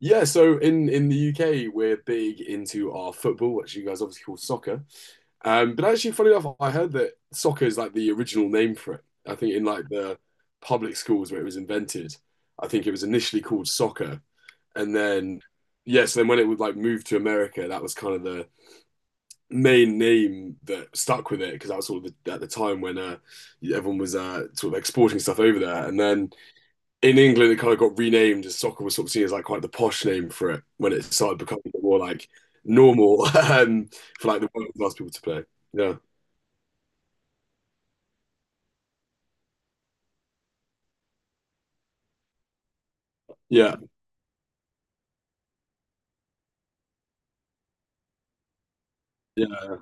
Yeah, so in the UK, we're big into our football, which you guys obviously call soccer. But actually, funny enough, I heard that soccer is like the original name for it. I think in like the public schools where it was invented, I think it was initially called soccer, and then, yeah, so then when it would like move to America, that was kind of the main name that stuck with it because that was sort of the, at the time when everyone was sort of exporting stuff over there, and then in England, it kind of got renamed as soccer was sort of seen as like quite the posh name for it when it started becoming more like normal for like the working class people to play. Yeah, yeah, yeah,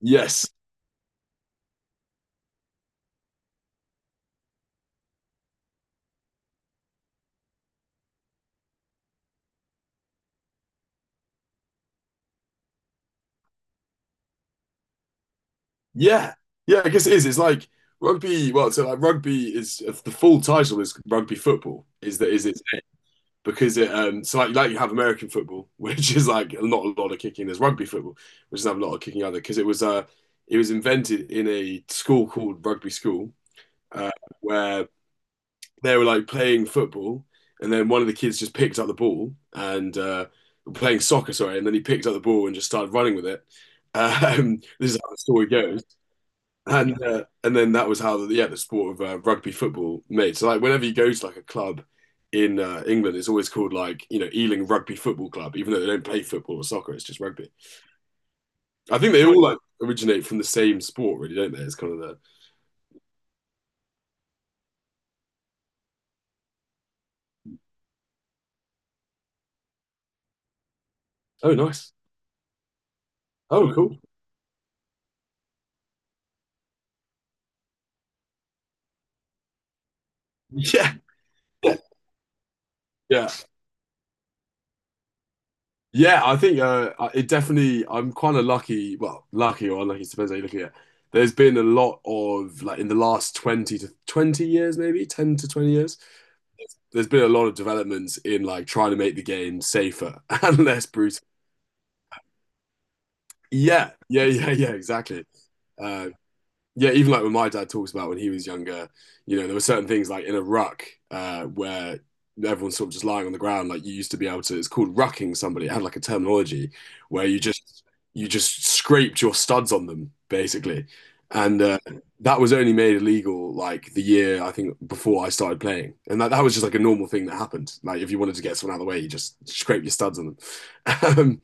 yes, yeah, yeah. I guess it is. It's like rugby. Well, so like rugby is, the full title is rugby football. Is it because it so like you have American football, which is like not a lot of kicking. There's rugby football, which doesn't have a lot of kicking either because it was invented in a school called rugby school, uh, where they were like playing football, and then one of the kids just picked up the ball and, playing soccer, sorry, and then he picked up the ball and just started running with it. This is how the story goes, and and then that was how yeah, the sport of rugby football made. So like whenever you go to like a club in, England, it's always called, like, you know, Ealing Rugby Football Club, even though they don't play football or soccer, it's just rugby. I think they all like originate from the same sport, really, don't they? It's kind of the oh, nice, oh, cool, yeah, yeah. Yeah, I think, it definitely. I'm kind of lucky. Well, lucky or unlucky, it depends how you look at it. There's been a lot of, like, in the last 20 to 20 years, maybe 10 to 20 years. There's been a lot of developments in like trying to make the game safer and less brutal. Yeah, yeah, yeah, yeah, exactly. Uh, yeah, even like when my dad talks about when he was younger, you know, there were certain things like in a ruck, where everyone's sort of just lying on the ground. Like you used to be able to, it's called rucking somebody. It had like a terminology where you just scraped your studs on them, basically, and that was only made illegal like the year I think before I started playing, and that was just like a normal thing that happened. Like if you wanted to get someone out of the way, you just scrape your studs on them. um,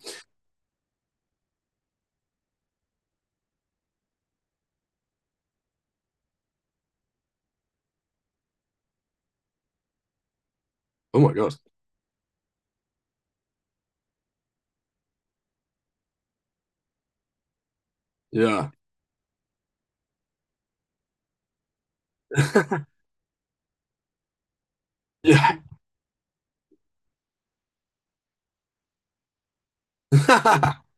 oh my god. Yeah, yeah.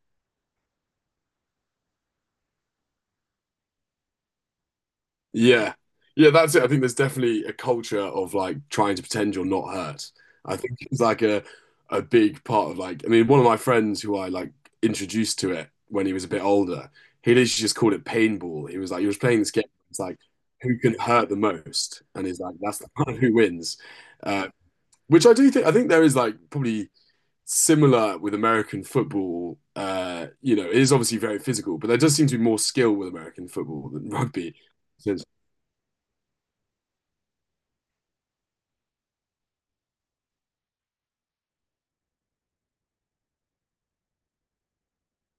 Yeah. Yeah, that's it. I think there's definitely a culture of like trying to pretend you're not hurt. I think it's like a big part of, like, I mean, one of my friends who I like introduced to it when he was a bit older, he literally just called it paintball. He was playing this game. It's like who can hurt the most, and he's like that's the one who wins. Uh, which I think there is, like, probably similar with American football. You know, it is obviously very physical, but there does seem to be more skill with American football than rugby. So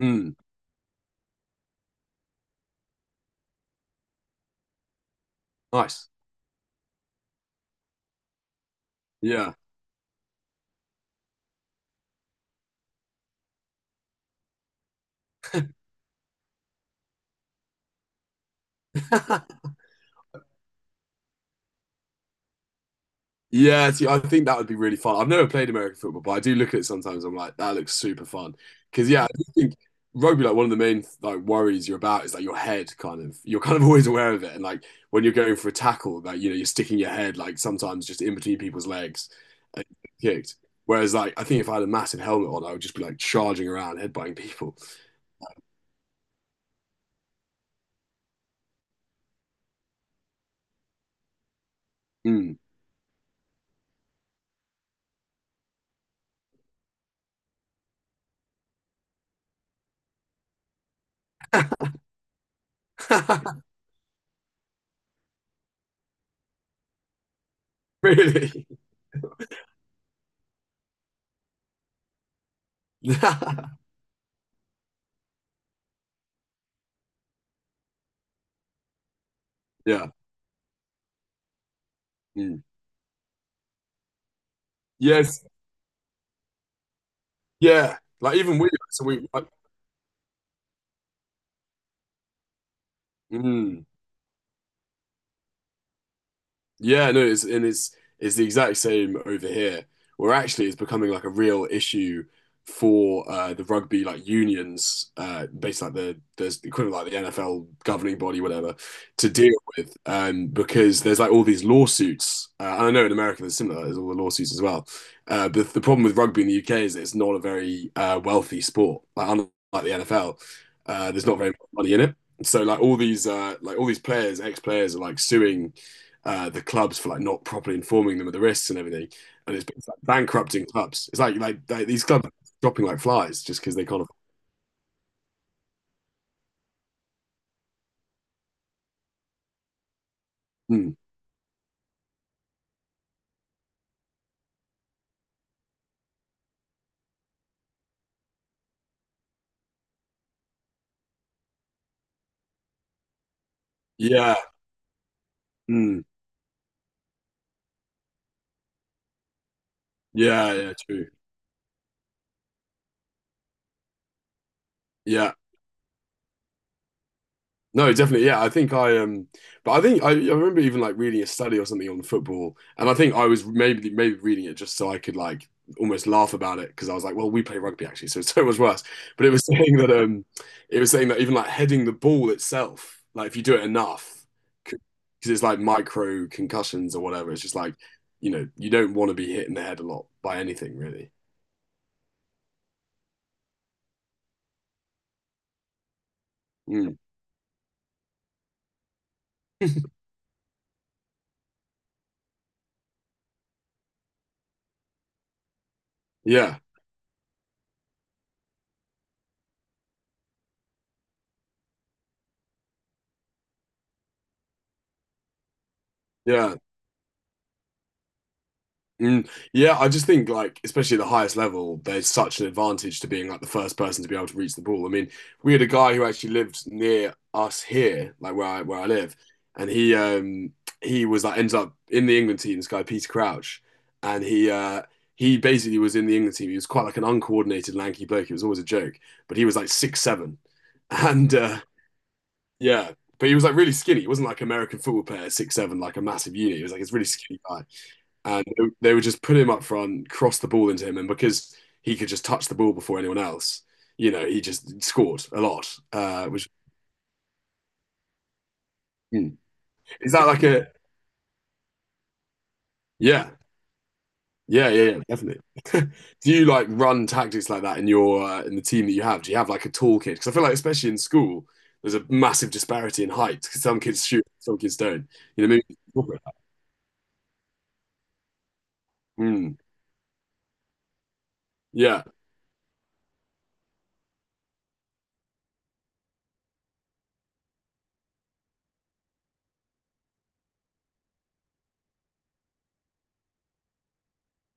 Mm, nice. Yeah. Yeah, see, I think that would be really fun. I've never played American football, but I do look at it sometimes. I'm like, that looks super fun. Because, yeah, I do think rugby, like, one of the main like worries you're about is like your head you're kind of always aware of it. And like when you're going for a tackle, like, you know, you're sticking your head like sometimes just in between people's legs and you get kicked. Whereas like I think if I had a massive helmet on, I would just be like charging around, headbutting people. Mm. Really? Yeah. Mm. Yes. Yeah, like even we, so we like, mm. Yeah, no, it's and it's it's the exact same over here, where actually it's becoming like a real issue for, the rugby, like, unions, based like the there's the equivalent like the NFL governing body, whatever, to deal with, because there's like all these lawsuits. And I know in America there's similar, there's all the lawsuits as well. But the problem with rugby in the UK is that it's not a very, wealthy sport, like unlike the NFL. There's not very much money in it. So like all these players, ex players are like suing, the clubs for like not properly informing them of the risks and everything, and it's like bankrupting clubs. It's like these clubs are dropping like flies just because they can't afford. Mm, yeah, mm, yeah, yeah, true. Yeah, no, definitely. Yeah, I think I but I think I remember even like reading a study or something on football, and I think I was maybe reading it just so I could like almost laugh about it because I was like, well, we play rugby actually, so it's so much worse. But it was saying that, even like heading the ball itself, like, if you do it enough, because it's like micro concussions or whatever, it's just like, you know, you don't want to be hit in the head a lot by anything really. Mm. Yeah, yeah. Mm, yeah, I just think like, especially at the highest level, there's such an advantage to being like the first person to be able to reach the ball. I mean, we had a guy who actually lived near us here, like where I live, and he was like ends up in the England team. This guy, Peter Crouch, and he basically was in the England team. He was quite like an uncoordinated lanky bloke. It was always a joke, but he was like 6'7", and yeah, but he was like really skinny. He wasn't like American football player 6'7", like a massive unit. He was like this really skinny guy, and they would just put him up front, cross the ball into him, and because he could just touch the ball before anyone else, you know, he just scored a lot. Which Hmm. Is that like a? Yeah, yeah, yeah, yeah, definitely. Do you like run tactics like that in, your in the team that you have? Do you have like a tall kid? Because I feel like, especially in school, there's a massive disparity in height. 'Cause some kids shoot, some kids don't. You know, maybe. Hmm. Yeah,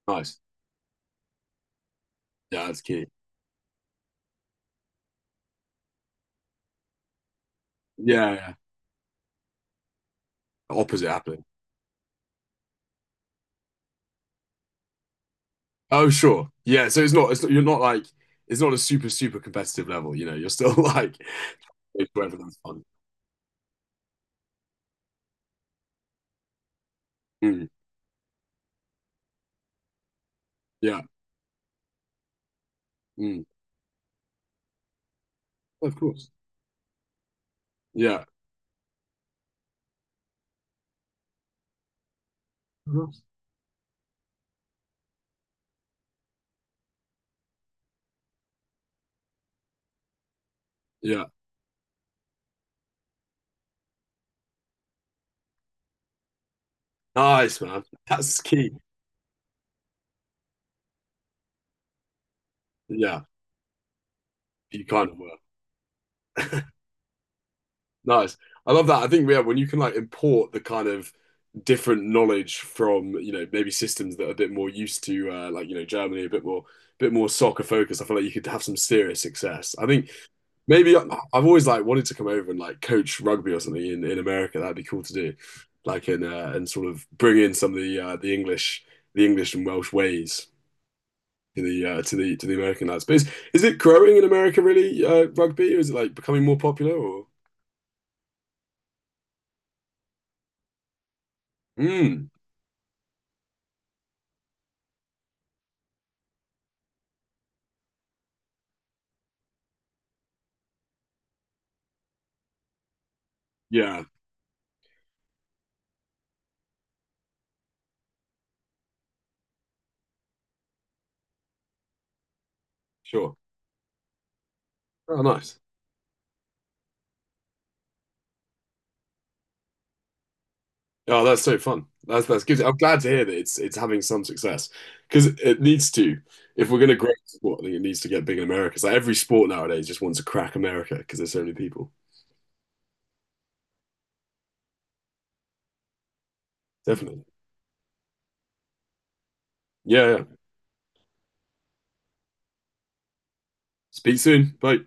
nice. Yeah, that's key. Yeah, yeah, yeah. Opposite happening. Oh, sure. Yeah. So it's not, you're not like, it's not a super, super competitive level. You know, you're still like, it's wherever that's fun. Mm, yeah. Mm. Oh, of course. Yeah. Of course. Yeah. Nice, man. That's key. Yeah. You kind of were. Nice. I love that. I think, yeah, when you can like import the kind of different knowledge from, you know, maybe systems that are a bit more used to, like, you know, Germany, a bit more soccer focused, I feel like you could have some serious success. I think. Maybe I've always like wanted to come over and like coach rugby or something in, America. That'd be cool to do, like in and sort of bring in some of the English and Welsh ways to the to the to the American lads. But is it growing in America, really, rugby, or is it like becoming more popular? Or Mm, yeah, sure. Oh, nice. Oh, that's so fun. That's good. I'm glad to hear that it's having some success because it needs to. If we're going to grow the sport, I think it needs to get big in America. It's like every sport nowadays just wants to crack America because there's so many people. Definitely. Yeah, yeah. Speak soon. Bye.